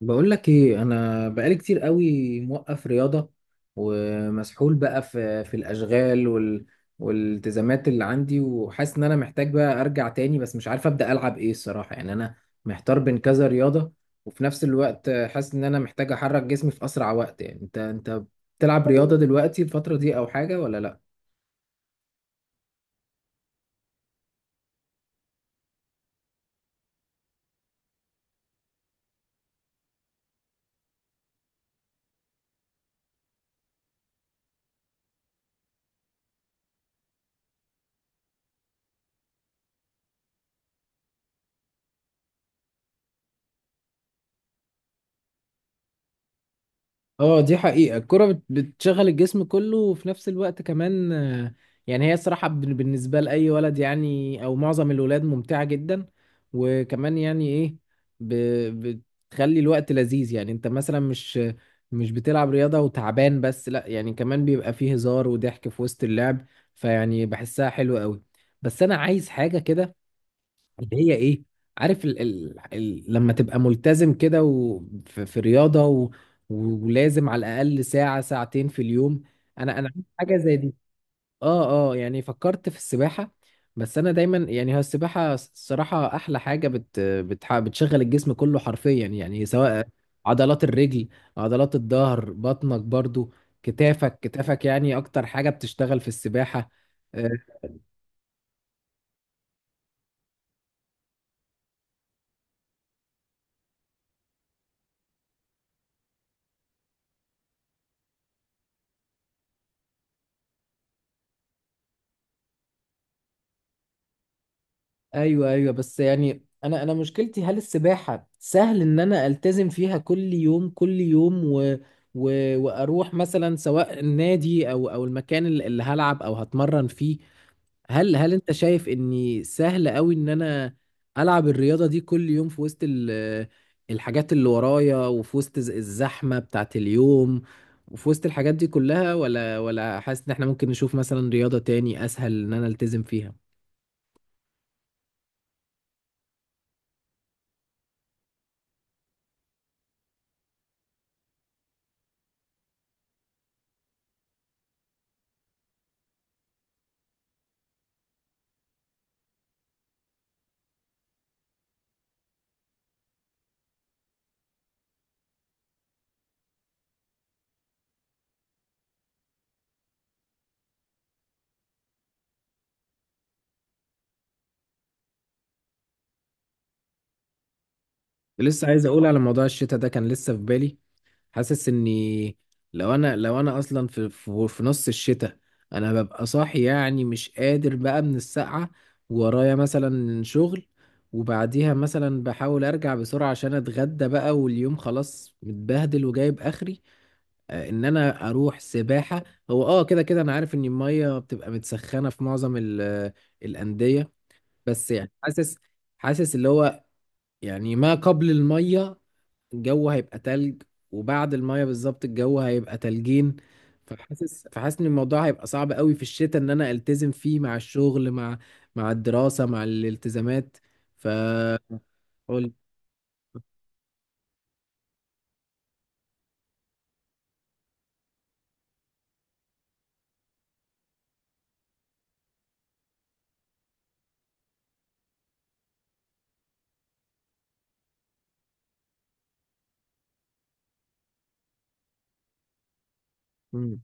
بقول لك ايه، انا بقالي كتير قوي موقف رياضة ومسحول بقى في الاشغال والالتزامات اللي عندي، وحاسس ان انا محتاج بقى ارجع تاني، بس مش عارف ابدا العب ايه الصراحة. يعني انا محتار بين كذا رياضة، وفي نفس الوقت حاسس ان انا محتاج احرك جسمي في اسرع وقت. يعني انت بتلعب رياضة دلوقتي الفترة دي او حاجة ولا لا؟ اه دي حقيقة، الكرة بتشغل الجسم كله، وفي نفس الوقت كمان. يعني هي الصراحة، بالنسبة لأي ولد يعني، أو معظم الولاد، ممتعة جدا. وكمان يعني إيه، ب- بتخلي الوقت لذيذ. يعني أنت مثلا، مش بتلعب رياضة وتعبان بس، لأ يعني كمان بيبقى فيه هزار وضحك في وسط اللعب، فيعني بحسها حلوة قوي. بس أنا عايز حاجة كده، اللي هي ايه، عارف ال ال ال لما تبقى ملتزم كده، وفي رياضة، ولازم على الأقل ساعة ساعتين في اليوم. أنا عملت حاجة زي دي، اه اه، يعني فكرت في السباحة. بس أنا دايما يعني، هو السباحة الصراحة أحلى حاجة بت بتح بتشغل الجسم كله حرفيا، يعني سواء عضلات الرجل، عضلات الظهر، بطنك برضو، كتافك كتافك، يعني أكتر حاجة بتشتغل في السباحة آه، ايوه ايوه، بس يعني انا مشكلتي، هل السباحه سهل ان انا التزم فيها كل يوم كل يوم، و... واروح مثلا سواء النادي او المكان اللي هلعب او هتمرن فيه؟ هل انت شايف اني سهل قوي ان انا العب الرياضه دي كل يوم في وسط الحاجات اللي ورايا، وفي وسط الزحمه بتاعت اليوم، وفي وسط الحاجات دي كلها، ولا حاسس ان احنا ممكن نشوف مثلا رياضه تاني اسهل ان انا التزم فيها؟ لسه عايز اقول على موضوع الشتاء ده، كان لسه في بالي. حاسس اني لو انا اصلا في نص الشتاء، انا ببقى صاحي يعني مش قادر بقى من السقعة، ورايا مثلا شغل، وبعديها مثلا بحاول ارجع بسرعة عشان اتغدى بقى، واليوم خلاص متبهدل وجايب اخري، ان انا اروح سباحة. هو اه كده كده انا عارف ان المية بتبقى متسخنة في معظم الاندية، بس يعني حاسس اللي هو، يعني ما قبل المية الجو هيبقى تلج، وبعد المايه بالظبط الجو هيبقى تلجين. فحاسس ان الموضوع هيبقى صعب قوي في الشتاء ان انا التزم فيه مع الشغل، مع الدراسة، مع الالتزامات. ف قول.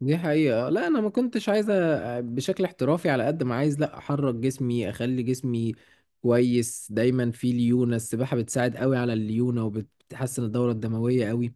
دي حقيقة، لا أنا ما كنتش عايز بشكل احترافي، على قد ما عايز لا أحرك جسمي، أخلي جسمي كويس دايما فيه ليونة. السباحة بتساعد قوي على الليونة، وبتحسن الدورة الدموية قوي.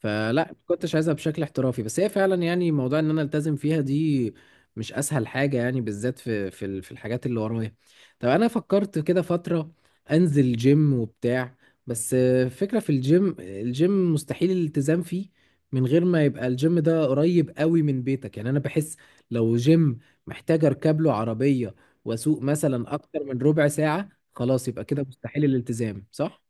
فلا، ما كنتش عايزها بشكل احترافي، بس هي فعلا يعني، موضوع إن أنا ألتزم فيها دي مش أسهل حاجة يعني، بالذات في الحاجات اللي ورايا. طب أنا فكرت كده فترة أنزل جيم وبتاع، بس فكرة في الجيم، الجيم مستحيل الالتزام فيه من غير ما يبقى الجيم ده قريب قوي من بيتك. يعني انا بحس لو جيم محتاج اركب له عربية، واسوق مثلا اكتر من ربع ساعة، خلاص يبقى كده مستحيل الالتزام، صح؟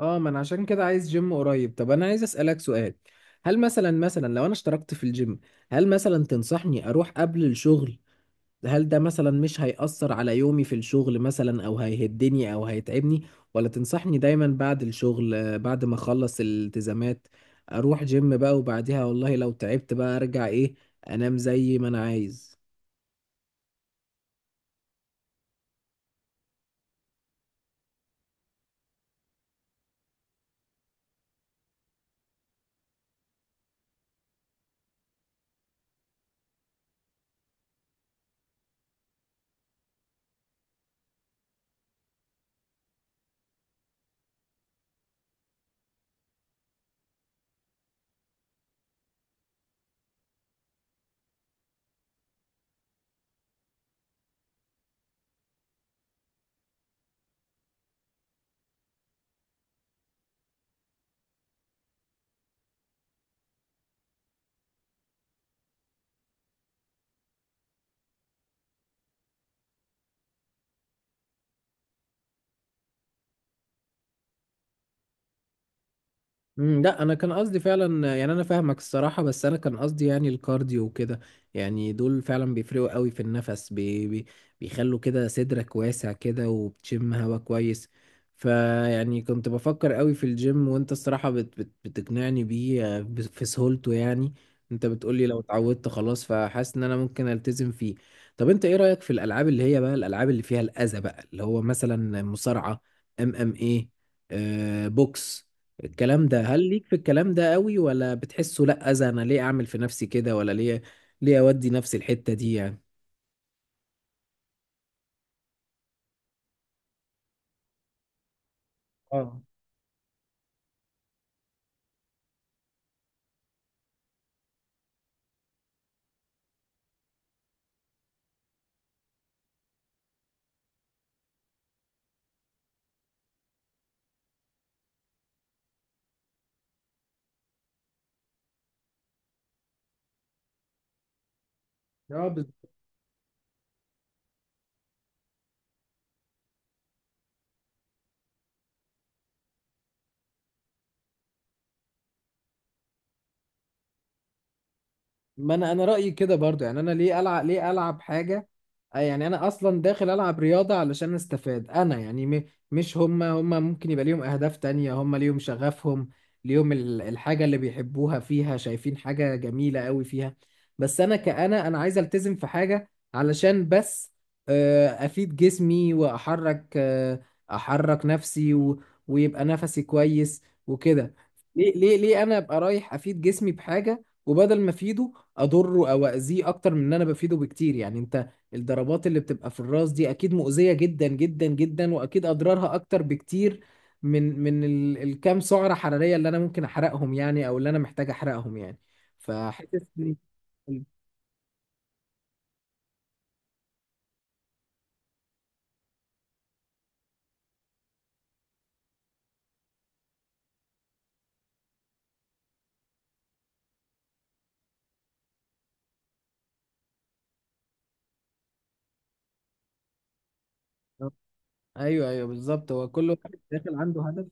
اه، ما انا عشان كده عايز جيم قريب. طب انا عايز اسألك سؤال، هل مثلا لو انا اشتركت في الجيم، هل مثلا تنصحني اروح قبل الشغل؟ هل ده مثلا مش هيأثر على يومي في الشغل مثلا، او هيهدني، او هيتعبني؟ ولا تنصحني دايما بعد الشغل، بعد ما اخلص الالتزامات اروح جيم بقى، وبعديها والله لو تعبت بقى ارجع، ايه، انام زي ما انا عايز؟ لا انا كان قصدي فعلا، يعني انا فاهمك الصراحه، بس انا كان قصدي يعني الكارديو وكده. يعني دول فعلا بيفرقوا قوي في النفس، بي بي بيخلوا كده صدرك واسع كده، وبتشم هوا كويس. فيعني كنت بفكر قوي في الجيم، وانت الصراحه بت بت بتقنعني بيه، في سهولته يعني. انت بتقولي لو اتعودت خلاص، فحاسس ان انا ممكن التزم فيه. طب انت ايه رايك في الالعاب اللي هي بقى الالعاب اللي فيها الاذى بقى، اللي هو مثلا مصارعه، ام ام ايه، بوكس، الكلام ده؟ هل ليك في الكلام ده قوي، ولا بتحسه لا، اذى؟ انا ليه اعمل في نفسي كده؟ ولا ليه، ليه اودي نفسي الحتة دي يعني؟ اه اه، بالظبط. ما انا رايي كده برضو، يعني انا ليه العب حاجه، آه يعني انا اصلا داخل العب رياضه علشان استفاد انا يعني، مش هما ممكن يبقى ليهم اهداف تانية، هما ليهم شغفهم، ليهم الحاجه اللي بيحبوها، فيها شايفين حاجه جميله قوي فيها. بس انا كأنا عايز التزم في حاجه علشان بس افيد جسمي، واحرك آه، احرك نفسي، ويبقى نفسي كويس وكده. ليه، انا ابقى رايح افيد جسمي بحاجه، وبدل ما افيده اضره او اذيه اكتر من ان انا بفيده بكتير يعني. انت الضربات اللي بتبقى في الراس دي اكيد مؤذية جدا جدا جدا، واكيد اضرارها اكتر بكتير الكام سعرة حرارية اللي انا ممكن احرقهم يعني، او اللي انا محتاج احرقهم يعني. فحاسس ايوه ايوه، بالظبط، هو كل واحد داخل عنده هدف.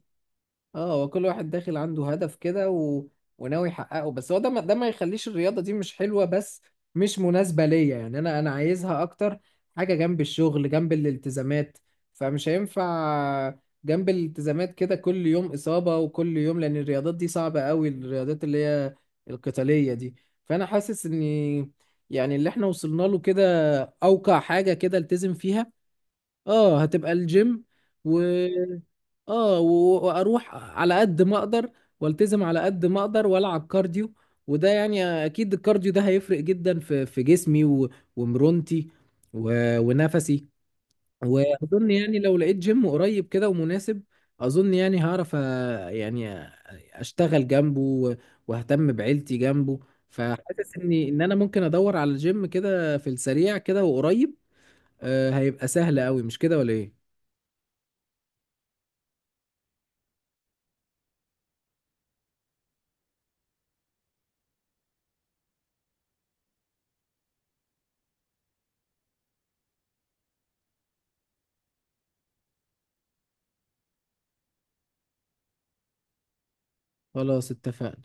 اه، هو كل واحد داخل عنده هدف كده، وناوي يحققه. بس هو ده ما... ده ما يخليش الرياضة دي مش حلوة بس، مش مناسبة ليا. يعني انا عايزها اكتر حاجة جنب الشغل، جنب الالتزامات، فمش هينفع جنب الالتزامات كده كل يوم إصابة وكل يوم، لأن الرياضات دي صعبة قوي، الرياضات اللي هي القتالية دي. فأنا حاسس إني، يعني اللي احنا وصلنا له كده أوقع حاجة كده التزم فيها، اه هتبقى الجيم. اه واروح على قد ما اقدر، والتزم على قد ما اقدر، والعب كارديو، وده يعني اكيد الكارديو ده هيفرق جدا في جسمي ومرونتي، ونفسي. واظن يعني لو لقيت جيم قريب كده ومناسب، اظن يعني هعرف يعني أ- اشتغل جنبه، واهتم بعيلتي جنبه. فحاسس اني ان انا ممكن ادور على جيم كده في السريع كده، وقريب، هيبقى سهل قوي، مش كده ولا ايه؟ خلاص، اتفقنا.